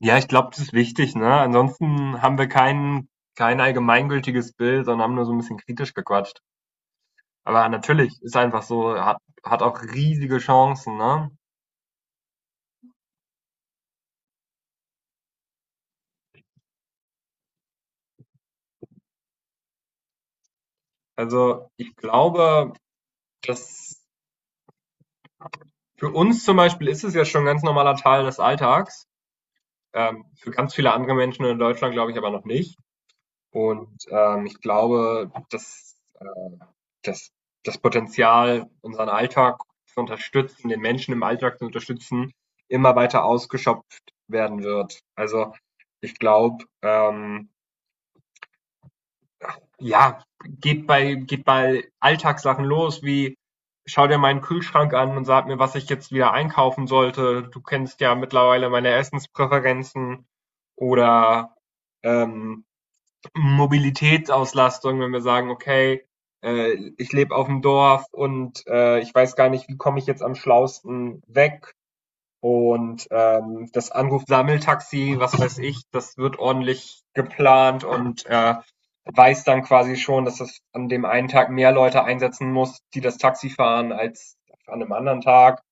Ja, ich glaube, das ist wichtig, ne? Ansonsten haben wir kein allgemeingültiges Bild, sondern haben nur so ein bisschen kritisch gequatscht. Aber natürlich, ist einfach so, hat auch riesige Chancen, ne? Also, ich glaube, dass für uns zum Beispiel ist es ja schon 'n ganz normaler Teil des Alltags. Für ganz viele andere Menschen in Deutschland glaube ich aber noch nicht. Und, ich glaube, dass, dass das Potenzial, unseren Alltag zu unterstützen, den Menschen im Alltag zu unterstützen, immer weiter ausgeschöpft werden wird. Also, ich glaube, ja, geht bei Alltagssachen los, wie: „Schau dir meinen Kühlschrank an und sag mir, was ich jetzt wieder einkaufen sollte. Du kennst ja mittlerweile meine Essenspräferenzen.“ Oder, ähm Mobilitätsauslastung, wenn wir sagen, okay, ich lebe auf dem Dorf und ich weiß gar nicht, wie komme ich jetzt am schlausten weg. Und das Anruf-Sammeltaxi, was weiß ich, das wird ordentlich geplant und weiß dann quasi schon, dass das an dem einen Tag mehr Leute einsetzen muss, die das Taxi fahren, als an einem anderen Tag.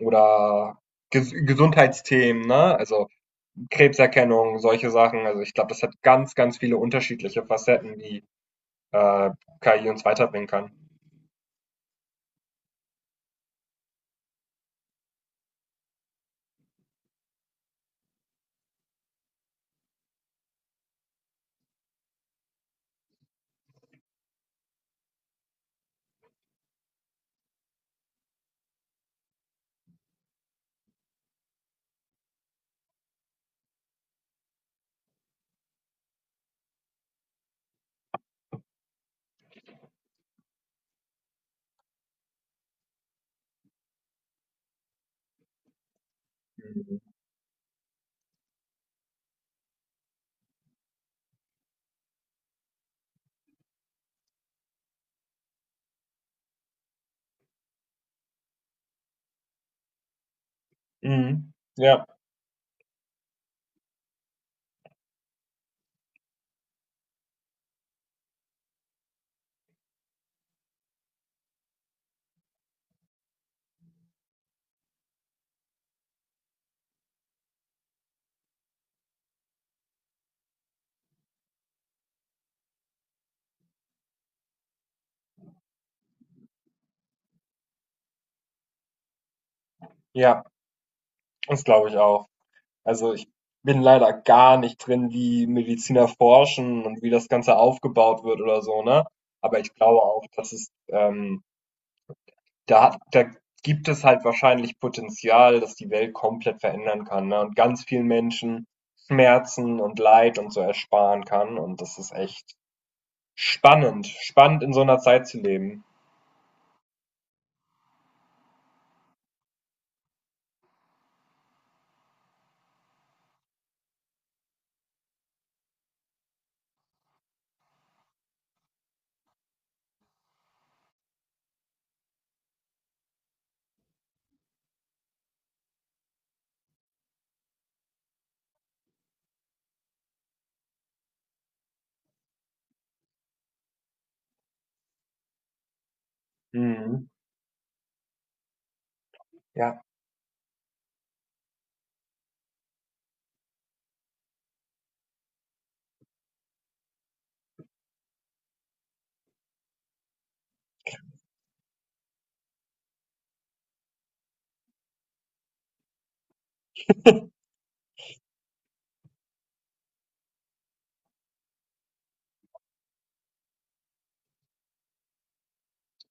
Oder Gesundheitsthemen, ne? Also Krebserkennung, solche Sachen. Also ich glaube, das hat ganz, ganz viele unterschiedliche Facetten, die äh, KI uns weiterbringen kann. Mhm. Mhm. Ja, ja, das glaube ich auch. Also ich bin leider gar nicht drin, wie Mediziner forschen und wie das Ganze aufgebaut wird oder so, ne? Aber ich glaube auch, dass es, da gibt es halt wahrscheinlich Potenzial, dass die Welt komplett verändern kann, ne? Und ganz vielen Menschen Schmerzen und Leid und so ersparen kann. Und das ist echt spannend in so einer Zeit zu leben. Mhm. Ja,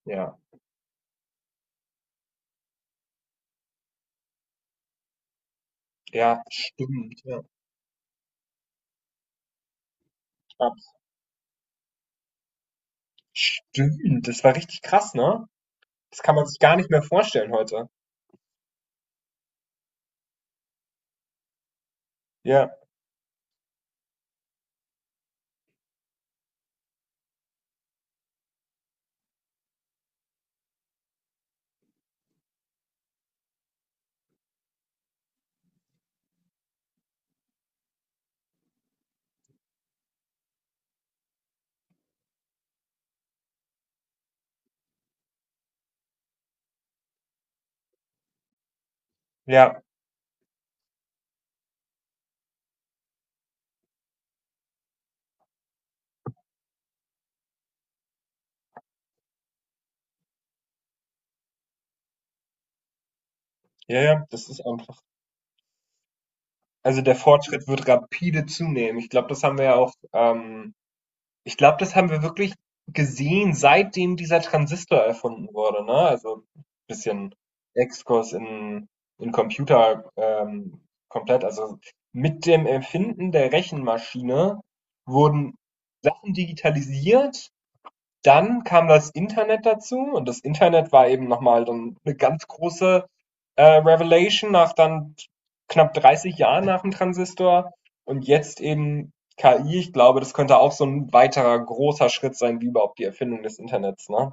ja, ja, stimmt, ja, ab stimmt, das war richtig krass, ne? Das kann man sich gar nicht mehr vorstellen heute. Ja, ja, ja, ja, das ist einfach also, der Fortschritt wird rapide zunehmen. Ich glaube, das haben wir ja auch, Ich glaube, das haben wir wirklich gesehen, seitdem dieser Transistor erfunden wurde, ne? Also bisschen Exkurs in Computer komplett. Also mit dem Erfinden der Rechenmaschine wurden Sachen digitalisiert. Dann kam das Internet dazu und das Internet war eben nochmal dann eine ganz große Revelation nach dann knapp 30 Jahren nach dem Transistor und jetzt eben KI. Ich glaube, das könnte auch so ein weiterer großer Schritt sein, wie überhaupt die Erfindung des Internets, ne?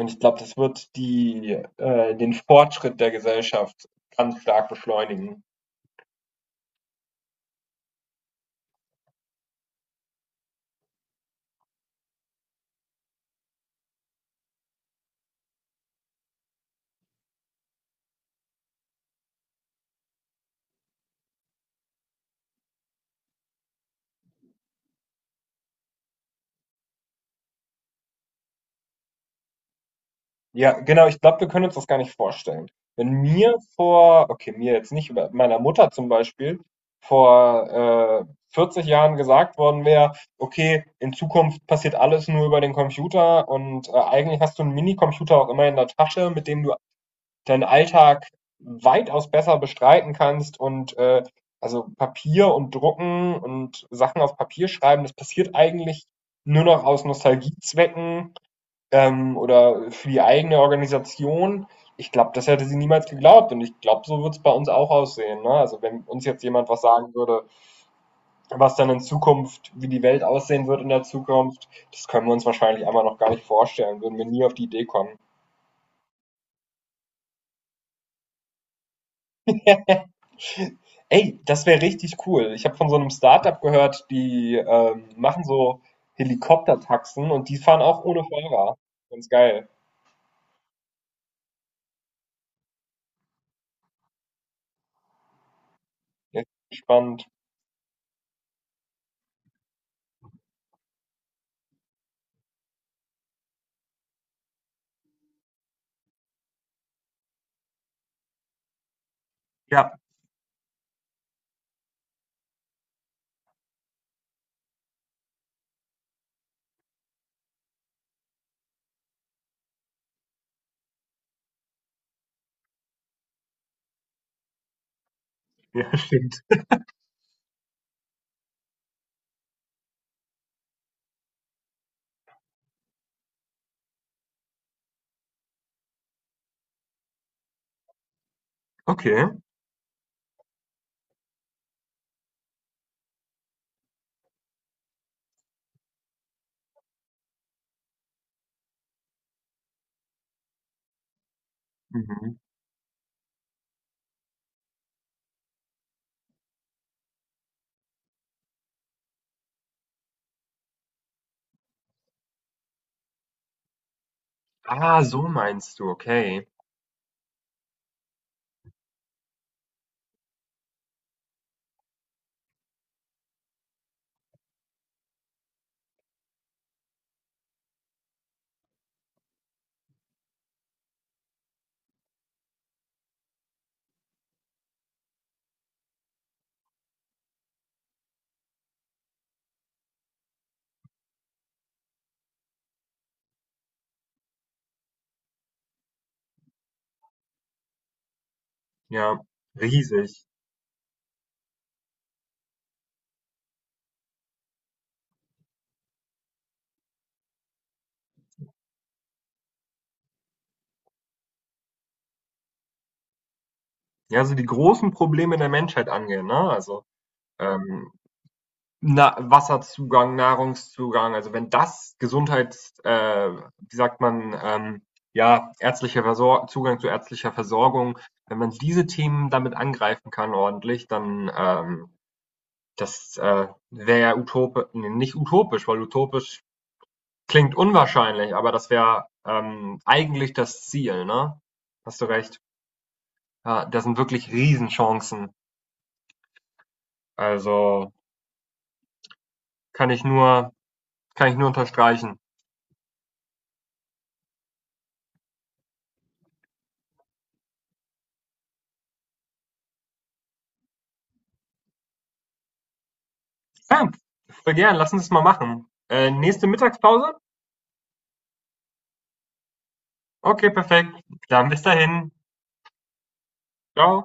Und ich glaube, das wird den Fortschritt der Gesellschaft ganz stark beschleunigen. Ja, genau, ich glaube, wir können uns das gar nicht vorstellen. Wenn mir vor, okay, mir jetzt nicht, aber meiner Mutter zum Beispiel, vor 40 Jahren gesagt worden wäre, okay, in Zukunft passiert alles nur über den Computer und eigentlich hast du einen Minicomputer auch immer in der Tasche, mit dem du deinen Alltag weitaus besser bestreiten kannst und also Papier und Drucken und Sachen auf Papier schreiben, das passiert eigentlich nur noch aus Nostalgiezwecken oder für die eigene Organisation. Ich glaube, das hätte sie niemals geglaubt und ich glaube, so wird es bei uns auch aussehen. Ne? Also wenn uns jetzt jemand was sagen würde, was dann in Zukunft, wie die Welt aussehen wird in der Zukunft, das können wir uns wahrscheinlich einmal noch gar nicht vorstellen, würden wir nie auf die Idee kommen. Ey, das wäre richtig cool. Ich habe von so einem Startup gehört, die machen so Helikoptertaxen und die fahren auch ohne Fahrer. Ganz geil. Ja, spannend. Ja, ja, stimmt. Okay. Mhm. Ah, so meinst du, okay. Ja, riesig. Ja, also die großen Probleme der Menschheit angehen, ne? Also ähm, Wasserzugang, Nahrungszugang, also wenn das wie sagt man, ja, ärztlicher Versor Zugang zu ärztlicher Versorgung, wenn man diese Themen damit angreifen kann ordentlich, dann das wäre ja utopi ne, nicht utopisch, weil utopisch klingt unwahrscheinlich, aber das wäre eigentlich das Ziel, ne? Hast du recht. Ja, das sind wirklich Riesenchancen. Also kann ich nur, kann ich nur unterstreichen. Ja, voll gern, lass uns das mal machen. Nächste Mittagspause? Okay, perfekt. Dann bis dahin. Ciao.